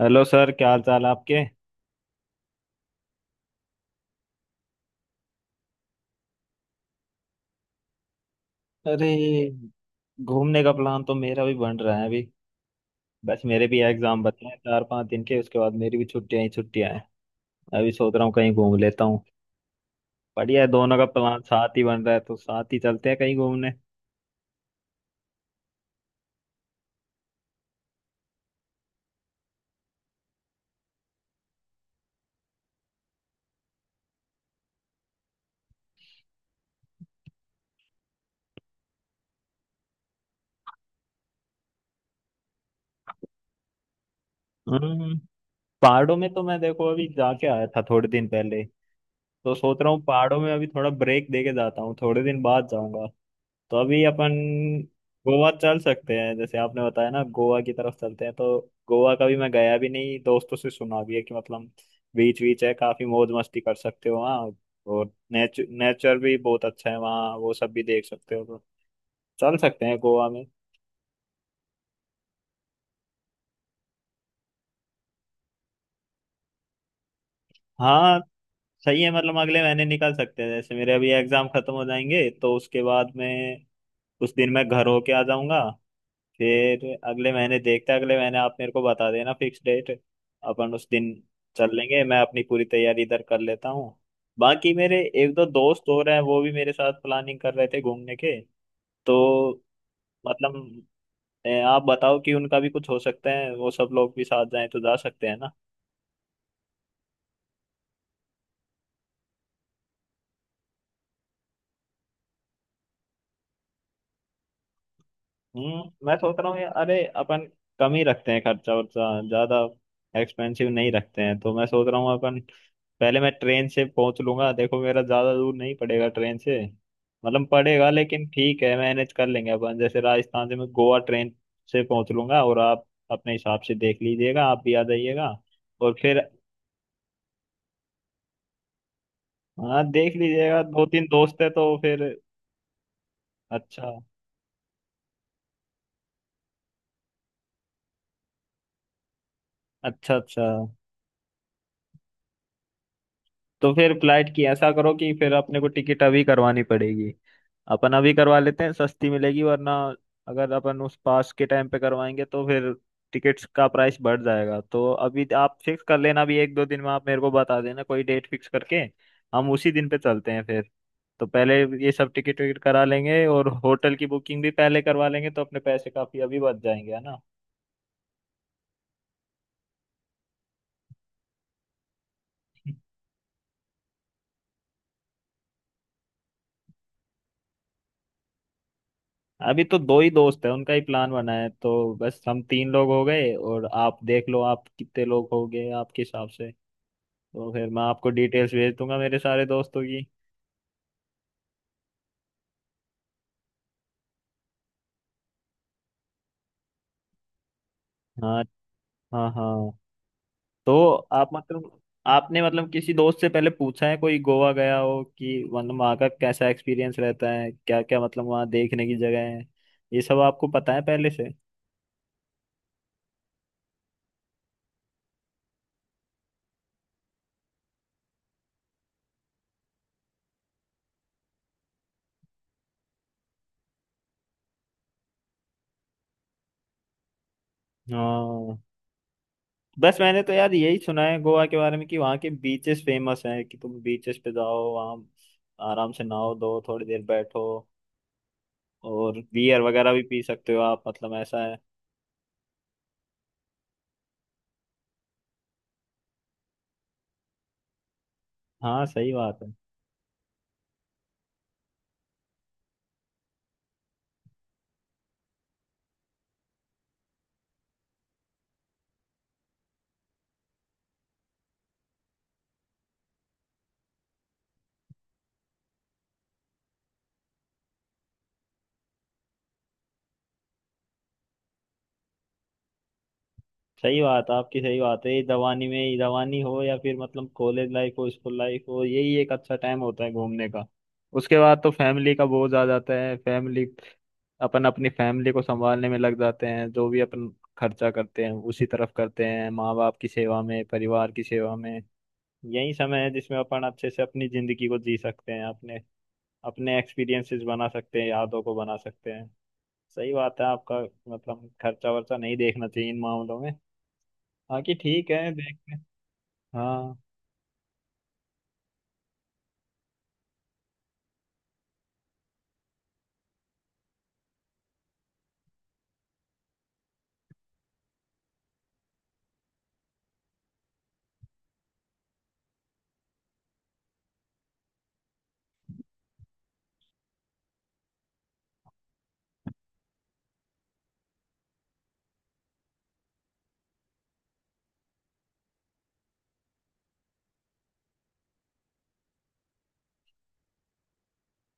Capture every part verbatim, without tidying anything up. Hello sir, क्या हाल चाल आपके। अरे, घूमने का प्लान तो मेरा भी बन रहा है अभी। बस मेरे भी एग्जाम बचे हैं चार पांच दिन के, उसके बाद मेरी भी छुट्टियां ही छुट्टियां हैं। अभी सोच रहा हूँ कहीं घूम लेता हूँ। बढ़िया है, दोनों का प्लान साथ ही बन रहा है तो साथ ही चलते हैं कहीं घूमने। हम्म। पहाड़ों में तो मैं देखो अभी जाके आया था थोड़े दिन पहले, तो सोच रहा हूँ पहाड़ों में अभी थोड़ा ब्रेक दे के जाता हूँ, थोड़े दिन बाद जाऊंगा। तो अभी अपन गोवा चल सकते हैं, जैसे आपने बताया ना, गोवा की तरफ चलते हैं तो। गोवा कभी मैं गया भी नहीं, दोस्तों से सुना भी है कि मतलब बीच बीच है, काफी मौज मस्ती कर सकते हो वहाँ। और नेचर नेचर भी बहुत अच्छा है वहाँ, वो सब भी देख सकते हो, तो चल सकते हैं गोवा में। हाँ, सही है, मतलब अगले महीने निकल सकते हैं, जैसे मेरे अभी एग्जाम खत्म हो जाएंगे तो उसके बाद में उस दिन मैं घर होके आ जाऊंगा। फिर अगले महीने देखते हैं, अगले महीने आप मेरे को बता देना फिक्स डेट। अपन उस दिन चल लेंगे, मैं अपनी पूरी तैयारी इधर कर लेता हूँ। बाकी मेरे एक दो दोस्त हो रहे हैं, वो भी मेरे साथ प्लानिंग कर रहे थे घूमने के, तो मतलब ए, आप बताओ कि उनका भी कुछ हो सकता है, वो सब लोग भी साथ जाएं तो जा सकते हैं ना। हम्म मैं सोच रहा हूँ, अरे अपन कम ही रखते हैं खर्चा वर्चा, ज्यादा एक्सपेंसिव नहीं रखते हैं, तो मैं सोच रहा हूँ अपन पहले मैं ट्रेन से पहुंच लूंगा, देखो मेरा ज्यादा दूर नहीं पड़ेगा ट्रेन से। मतलब पड़ेगा, लेकिन ठीक है, मैनेज कर लेंगे अपन, जैसे राजस्थान से मैं गोवा ट्रेन से पहुंच लूंगा, और आप अपने हिसाब से देख लीजिएगा, आप भी आ जाइएगा। और फिर हाँ, देख लीजिएगा, दो तीन दोस्त है तो फिर। अच्छा, अच्छा। अच्छा। तो फिर फ्लाइट की ऐसा करो कि फिर अपने को टिकट अभी करवानी पड़ेगी। अपन अभी करवा लेते हैं, सस्ती मिलेगी, वरना अगर अपन उस पास के टाइम पे करवाएंगे तो फिर टिकट्स का प्राइस बढ़ जाएगा। तो अभी आप फिक्स कर लेना, अभी एक दो दिन में आप मेरे को बता देना कोई डेट फिक्स करके। हम उसी दिन पे चलते हैं फिर। तो पहले ये सब टिकट विकट करा लेंगे, और होटल की बुकिंग भी पहले करवा लेंगे तो अपने पैसे काफी अभी बच जाएंगे, है ना। अभी तो दो ही दोस्त है, उनका ही प्लान बना है, तो बस हम तीन लोग हो गए, और आप देख लो आप कितने लोग हो गए आपके हिसाब से। तो फिर मैं आपको डिटेल्स भेज दूंगा मेरे सारे दोस्तों की। हाँ, हाँ, हाँ। तो आप मतलब आपने मतलब किसी दोस्त से पहले पूछा है कोई गोवा गया हो, कि मतलब वहाँ का कैसा एक्सपीरियंस रहता है, क्या क्या मतलब वहाँ देखने की जगह है, ये सब आपको पता है पहले से। हाँ। बस मैंने तो यार यही सुना है गोवा के बारे में कि वहाँ के बीचेस फेमस हैं, कि तुम बीचेस पे जाओ वहाँ, आराम से नहाओ धो, थोड़ी देर बैठो, और बियर वगैरह भी पी सकते हो आप, मतलब ऐसा है। हाँ, सही बात है। सही बात है आपकी, सही बात है। ये जवानी में ये जवानी हो या फिर मतलब कॉलेज लाइफ हो, स्कूल लाइफ हो, यही एक अच्छा टाइम होता है घूमने का। उसके बाद तो फैमिली का बोझ आ जाता है। फैमिली अपन अपनी फैमिली को संभालने में लग जाते हैं, जो भी अपन खर्चा करते हैं उसी तरफ करते हैं, माँ बाप की सेवा में, परिवार की सेवा में। यही समय है जिसमें अपन अच्छे से अपनी जिंदगी को जी सकते हैं, अपने अपने एक्सपीरियंसेस बना सकते हैं, यादों को बना सकते हैं। सही बात है आपका, मतलब खर्चा वर्चा नहीं देखना चाहिए इन मामलों में। बाकी ठीक है, देखते हैं। हाँ।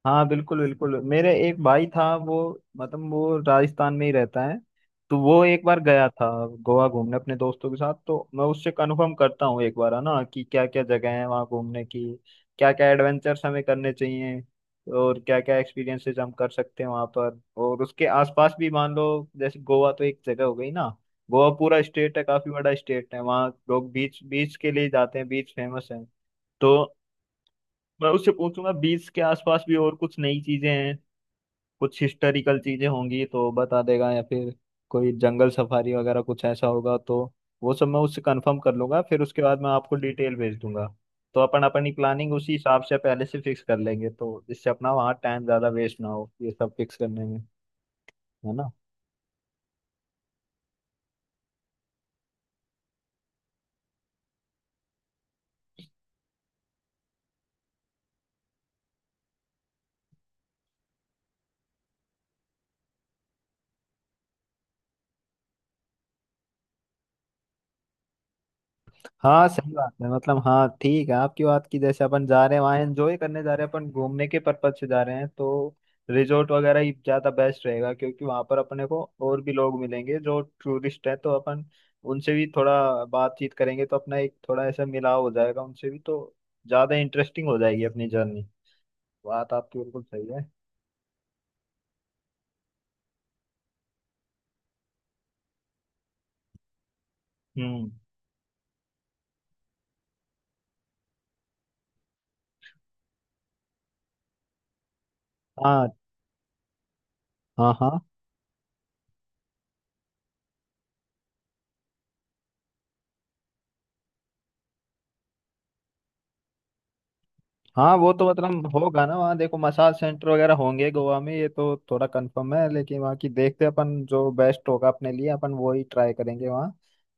हाँ, बिल्कुल बिल्कुल। मेरे एक भाई था वो मतलब वो राजस्थान में ही रहता है। तो वो एक बार गया था गोवा घूमने अपने दोस्तों के साथ, तो मैं उससे कंफर्म करता हूँ एक बार है ना, कि क्या क्या जगह है वहाँ घूमने की, क्या क्या एडवेंचर्स हमें करने चाहिए, और क्या क्या एक्सपीरियंसेस हम कर सकते हैं वहाँ पर और उसके आसपास भी, मान लो, जैसे गोवा तो एक जगह हो गई ना। गोवा पूरा स्टेट है, काफी बड़ा स्टेट है, वहाँ लोग बीच बीच के लिए जाते हैं, बीच फेमस है तो। मैं उससे पूछूंगा बीस के आसपास भी और कुछ नई चीजें हैं, कुछ हिस्टोरिकल चीजें होंगी तो बता देगा, या फिर कोई जंगल सफारी वगैरह कुछ ऐसा होगा तो वो सब मैं उससे कंफर्म कर लूंगा। फिर उसके बाद मैं आपको डिटेल भेज दूंगा। तो अपन अपनी प्लानिंग उसी हिसाब से पहले से फिक्स कर लेंगे, तो इससे अपना वहाँ टाइम ज्यादा वेस्ट ना हो ये सब फिक्स करने में, है ना। हाँ, सही बात है, मतलब हाँ ठीक है आपकी बात की, जैसे अपन जा रहे हैं वहाँ एंजॉय करने जा रहे हैं, अपन घूमने के पर्पज से जा रहे हैं, तो रिजोर्ट वगैरह ही ज़्यादा बेस्ट रहेगा, क्योंकि वहाँ पर अपने को और भी लोग मिलेंगे जो टूरिस्ट है, तो अपन उनसे भी थोड़ा बातचीत करेंगे तो अपना एक थोड़ा ऐसा मिलाव हो जाएगा उनसे भी, तो ज़्यादा इंटरेस्टिंग हो जाएगी अपनी जर्नी। बात आपकी बिल्कुल सही है। हम्म। हाँ, हाँ, हाँ, हाँ। वो तो मतलब होगा ना वहाँ, देखो मसाज सेंटर वगैरह होंगे गोवा में, ये तो थोड़ा कंफर्म है, लेकिन वहाँ की देखते हैं अपन, जो बेस्ट होगा अपने लिए अपन वो ही ट्राई करेंगे वहाँ।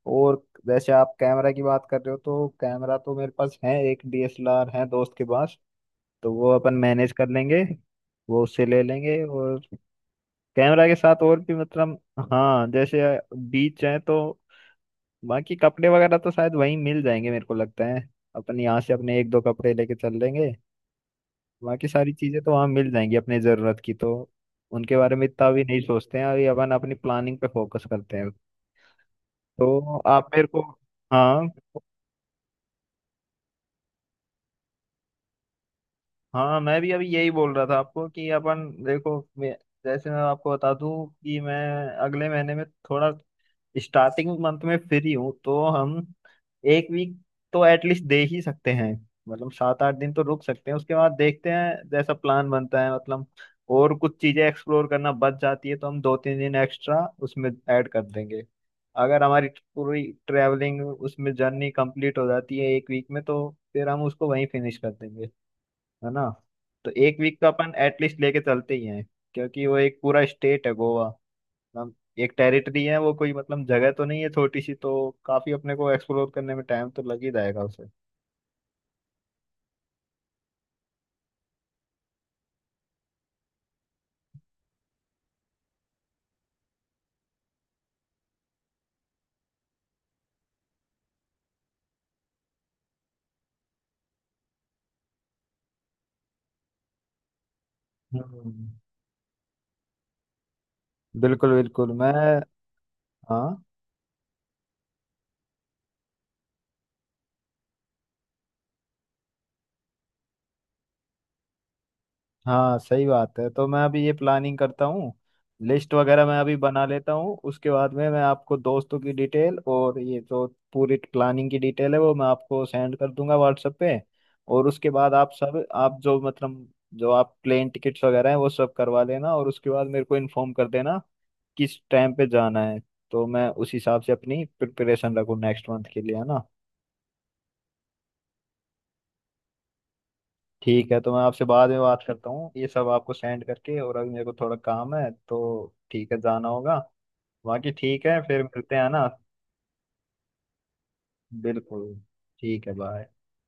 और जैसे आप कैमरा की बात कर रहे हो, तो कैमरा तो मेरे पास है, एक डी एस एल आर है दोस्त के पास, तो वो अपन मैनेज कर लेंगे। वो उससे ले लेंगे। और कैमरा के साथ और भी, मतलब हाँ जैसे बीच है तो बाकी कपड़े वगैरह तो शायद वहीं मिल जाएंगे मेरे को लगता है। अपन यहाँ से अपने एक दो कपड़े लेके चल लेंगे, बाकी सारी चीजें तो वहाँ मिल जाएंगी अपनी जरूरत की, तो उनके बारे में इतना भी नहीं सोचते हैं अभी, अपन अपनी प्लानिंग पे फोकस करते हैं। तो आप मेरे को। हाँ, हाँ, मैं भी अभी यही बोल रहा था आपको कि अपन देखो मैं- जैसे मैं आपको बता दूं कि मैं अगले महीने में थोड़ा स्टार्टिंग मंथ में फ्री हूँ, तो हम एक वीक तो एटलीस्ट दे ही सकते हैं, मतलब सात आठ दिन तो रुक सकते हैं। उसके बाद देखते हैं जैसा प्लान बनता है, मतलब और कुछ चीजें एक्सप्लोर करना बच जाती है तो हम दो तीन दिन एक्स्ट्रा उसमें ऐड कर देंगे। अगर हमारी पूरी ट्रैवलिंग उसमें जर्नी कंप्लीट हो जाती है एक वीक में तो फिर हम उसको वहीं फिनिश कर देंगे, है ना। तो एक वीक का अपन एटलीस्ट लेके चलते ही हैं, क्योंकि वो एक पूरा स्टेट है गोवा। हम एक टेरिटरी है वो, कोई मतलब जगह तो नहीं है छोटी सी, तो काफी अपने को एक्सप्लोर करने में टाइम तो लग ही जाएगा उसे। हम्म बिल्कुल बिल्कुल मैं। हाँ, हाँ, सही बात है। तो मैं अभी ये प्लानिंग करता हूँ, लिस्ट वगैरह मैं अभी बना लेता हूँ, उसके बाद में मैं आपको दोस्तों की डिटेल और ये जो पूरी प्लानिंग की डिटेल है वो मैं आपको सेंड कर दूंगा व्हाट्सएप पे। और उसके बाद आप सब आप जो मतलब जो आप प्लेन टिकट्स वगैरह हैं वो सब करवा लेना, और उसके बाद मेरे को इन्फॉर्म कर देना किस टाइम पे जाना है। तो मैं उस हिसाब से अपनी प्रिपरेशन रखूँ नेक्स्ट मंथ के लिए, है ना। ठीक है, तो मैं आपसे बाद में बात करता हूँ ये सब आपको सेंड करके। और अभी मेरे को थोड़ा काम है, तो ठीक है, जाना होगा। बाकी ठीक है, फिर मिलते हैं ना। बिल्कुल। ठीक है, बाय।